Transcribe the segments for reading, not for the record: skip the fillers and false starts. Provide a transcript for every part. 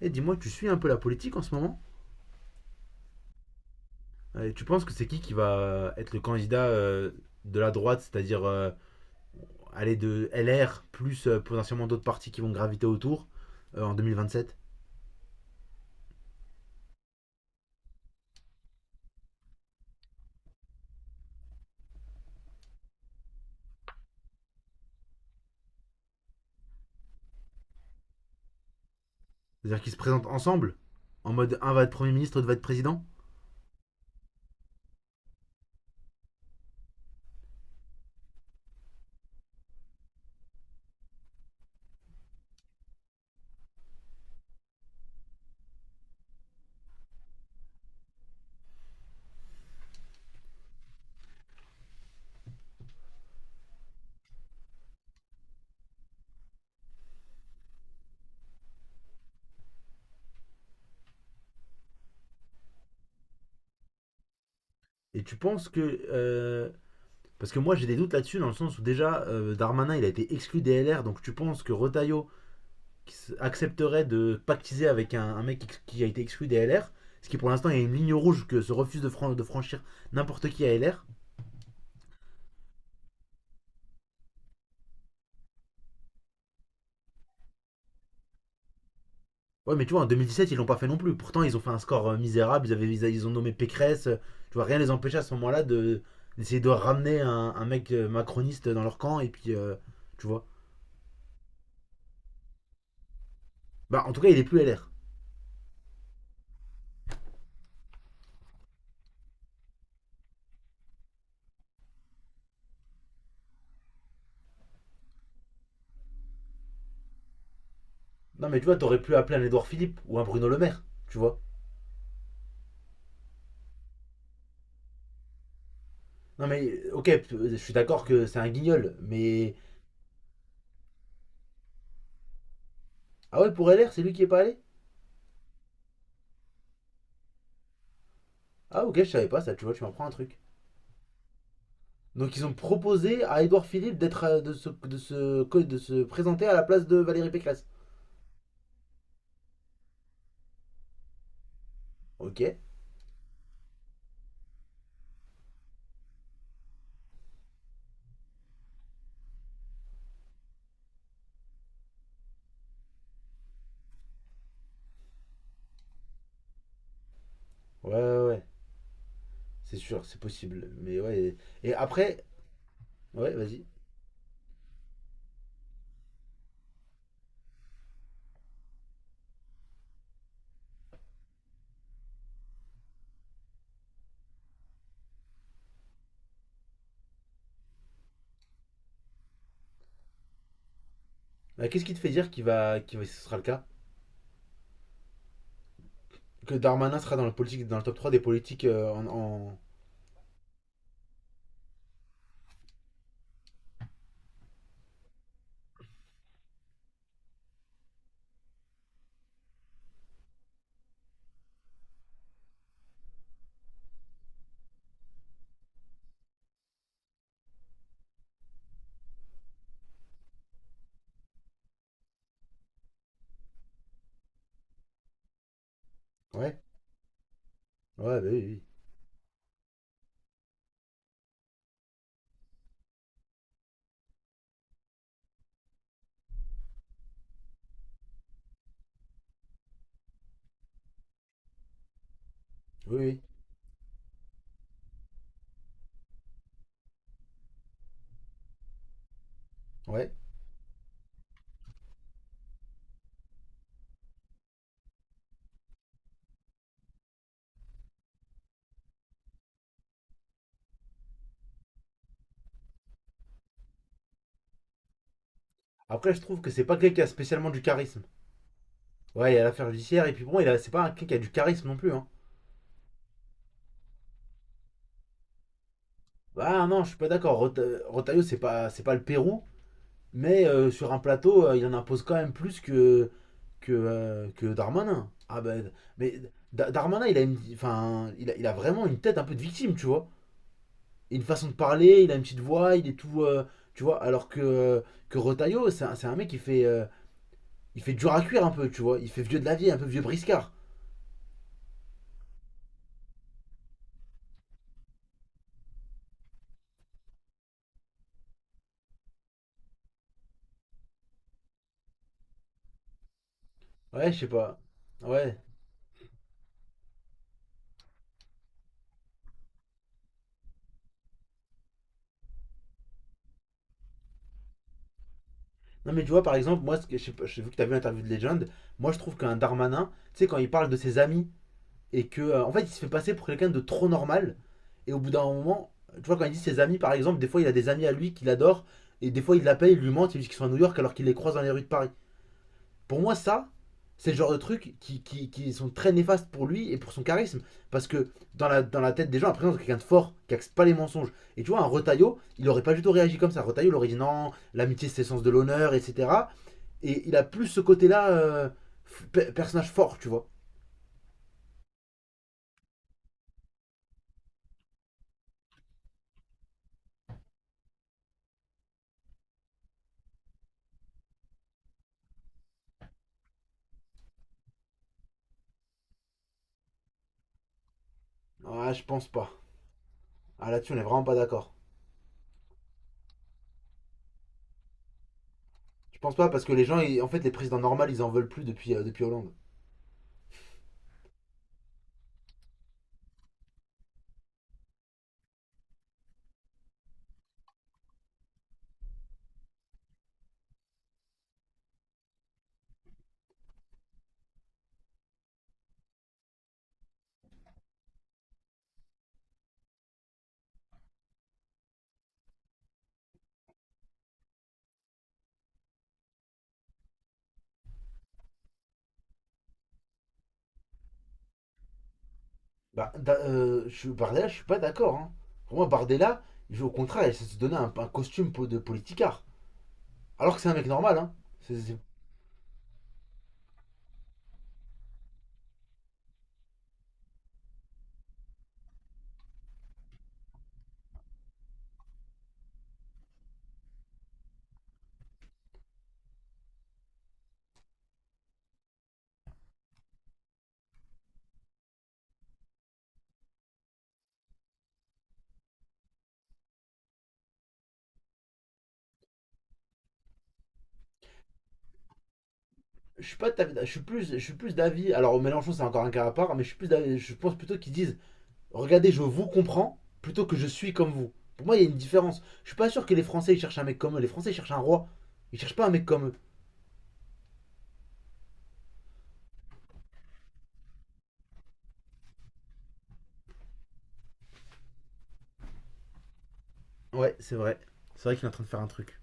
Et dis-moi, tu suis un peu la politique en ce moment. Et tu penses que c'est qui va être le candidat de la droite, c'est-à-dire aller de LR plus potentiellement d'autres partis qui vont graviter autour en 2027? C'est-à-dire qu'ils se présentent ensemble en mode un va être Premier ministre, l'autre va être président? Et tu penses que parce que moi j'ai des doutes là-dessus, dans le sens où déjà Darmanin il a été exclu des LR, donc tu penses que Retailleau qui accepterait de pactiser avec un mec qui a été exclu des LR, ce qui pour l'instant est une ligne rouge que se refuse de de franchir n'importe qui à LR? Ouais, mais tu vois, en 2017, ils l'ont pas fait non plus. Pourtant, ils ont fait un score misérable, ils ont nommé Pécresse, tu vois, rien les empêchait à ce moment-là de, d'essayer de ramener un mec macroniste dans leur camp, et puis, tu vois. Bah, en tout cas, il est plus LR. Non, mais tu vois, t'aurais pu appeler un Édouard Philippe ou un Bruno Le Maire, tu vois. Non, mais ok, je suis d'accord que c'est un guignol, mais. Ah ouais, pour LR, c'est lui qui est pas allé. Ah ok, je savais pas ça, tu vois, tu m'apprends un truc. Donc ils ont proposé à Édouard Philippe d'être de se présenter à la place de Valérie Pécresse. Ok. Ouais, ouais. C'est sûr, c'est possible. Mais ouais. Et après, ouais, vas-y. Bah, qu'est-ce qui te fait dire qu'il va, ce sera le cas? Que Darmanin sera dans le politique, dans le top 3 des politiques Ouais. Ouais, bah oui, oui. Oui, oui. Ouais. Après, je trouve que c'est pas quelqu'un qui a spécialement du charisme. Ouais, il y a l'affaire judiciaire, et puis bon, c'est pas un quelqu'un qui a du charisme non plus, hein. Bah non, je suis pas d'accord. Rotaillot, c'est pas le Pérou. Mais sur un plateau, il en impose quand même plus que Darmanin. Ah ben, mais Darmanin, il a vraiment une tête un peu de victime, tu vois. Une façon de parler, il a une petite voix, il est tout. Tu vois, alors que Rotaillot, c'est un mec qui fait, il fait dur à cuire un peu, tu vois. Il fait vieux de la vie, un peu vieux briscard. Ouais, je sais pas. Ouais. Non, mais tu vois, par exemple, moi, je sais pas, j'ai vu que t'as vu l'interview de Legend. Moi, je trouve qu'un Darmanin, tu sais, quand il parle de ses amis et que en fait il se fait passer pour quelqu'un de trop normal, et au bout d'un moment, tu vois, quand il dit ses amis, par exemple, des fois il a des amis à lui qu'il adore, et des fois il l'appelle, il lui ment, il dit qu'ils sont à New York alors qu'il les croise dans les rues de Paris. Pour moi, ça, c'est le genre de trucs qui sont très néfastes pour lui et pour son charisme. Parce que dans la tête des gens, après, c'est quelqu'un de fort, qui accepte pas les mensonges. Et tu vois, un Retaillot, il aurait pas du tout réagi comme ça. Retaillot, il aurait dit non, l'amitié, c'est le sens de l'honneur, etc. Et il a plus ce côté-là, personnage fort, tu vois. Ah, je pense pas. Ah là-dessus, on est vraiment pas d'accord. Je pense pas parce que les gens, en fait, les présidents normaux, ils en veulent plus depuis, depuis Hollande. Bah, Bardella, je suis pas d'accord, hein. Pour moi, Bardella, il veut au contraire, il s'est se donner un costume de politicard. Alors que c'est un mec normal. Hein. C'est- c'est- je suis pas de ta- je suis plus d'avis. Alors Mélenchon, c'est encore un cas à part, mais je suis plus d'avis- je pense plutôt qu'ils disent, regardez, je vous comprends, plutôt que je suis comme vous. Pour moi, il y a une différence. Je suis pas sûr que les Français ils cherchent un mec comme eux. Les Français ils cherchent un roi. Ils cherchent pas un mec comme eux. Ouais, c'est vrai. C'est vrai qu'il est en train de faire un truc.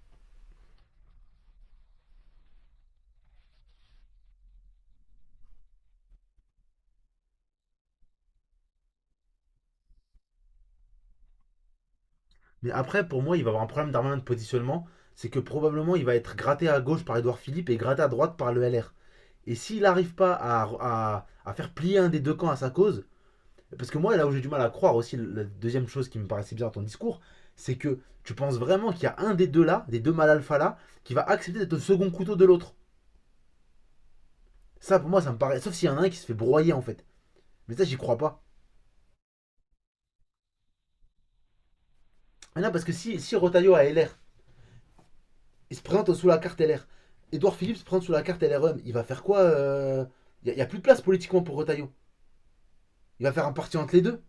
Mais après, pour moi, il va avoir un problème d'armement de positionnement. C'est que probablement, il va être gratté à gauche par Edouard Philippe et gratté à droite par le LR. Et s'il n'arrive pas à faire plier un des deux camps à sa cause, parce que moi, là où j'ai du mal à croire aussi, la deuxième chose qui me paraissait bizarre dans ton discours, c'est que tu penses vraiment qu'il y a un des deux là, des deux mal alpha là, qui va accepter d'être le second couteau de l'autre. Ça, pour moi, ça me paraît. Sauf s'il y en a un qui se fait broyer en fait. Mais ça, j'y crois pas. Mais non, parce que si, si Rotaillot a LR, il se présente sous la carte LR. Edouard Philippe se présente sous la carte LRM. Il va faire quoi Il n'y a plus de place politiquement pour Retailleau. Il va faire un parti entre les deux.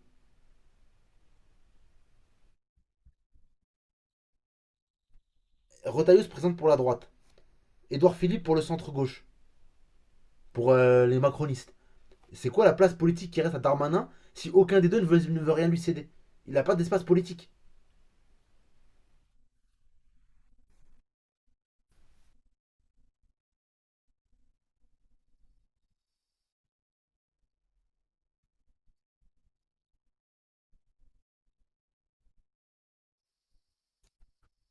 Retailleau se présente pour la droite. Edouard Philippe pour le centre-gauche. Pour les macronistes. C'est quoi la place politique qui reste à Darmanin si aucun des deux ne veut, ne veut rien lui céder? Il n'a pas d'espace politique.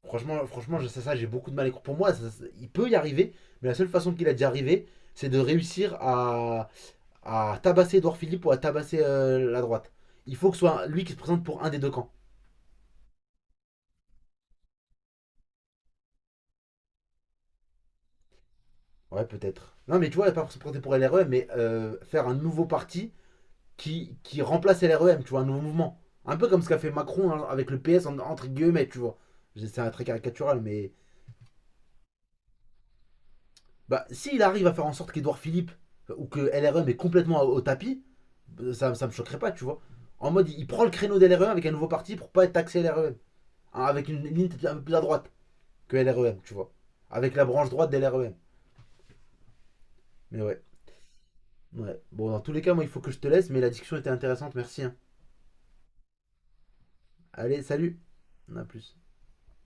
Franchement, franchement j'ai beaucoup de mal à croire. Pour moi, ça, il peut y arriver, mais la seule façon qu'il a d'y arriver, c'est de réussir à tabasser Edouard Philippe ou à tabasser la droite. Il faut que ce soit lui qui se présente pour un des deux camps. Ouais, peut-être. Non, mais tu vois, pas pour se présenter pour LREM, mais faire un nouveau parti qui remplace LREM, tu vois, un nouveau mouvement. Un peu comme ce qu'a fait Macron, hein, avec le PS, entre guillemets, tu vois. C'est très caricatural, mais. Bah, s'il arrive à faire en sorte qu'Edouard Philippe ou que LREM est complètement au tapis, bah, ça me choquerait pas, tu vois. En mode, il prend le créneau de d'LREM avec un nouveau parti pour pas être taxé LREM. Hein, avec une ligne un peu plus à droite que LREM, tu vois. Avec la branche droite de d'LREM. Mais ouais, ouais. Bon, dans tous les cas, moi, il faut que je te laisse, mais la discussion était intéressante, merci, hein. Allez, salut, à plus.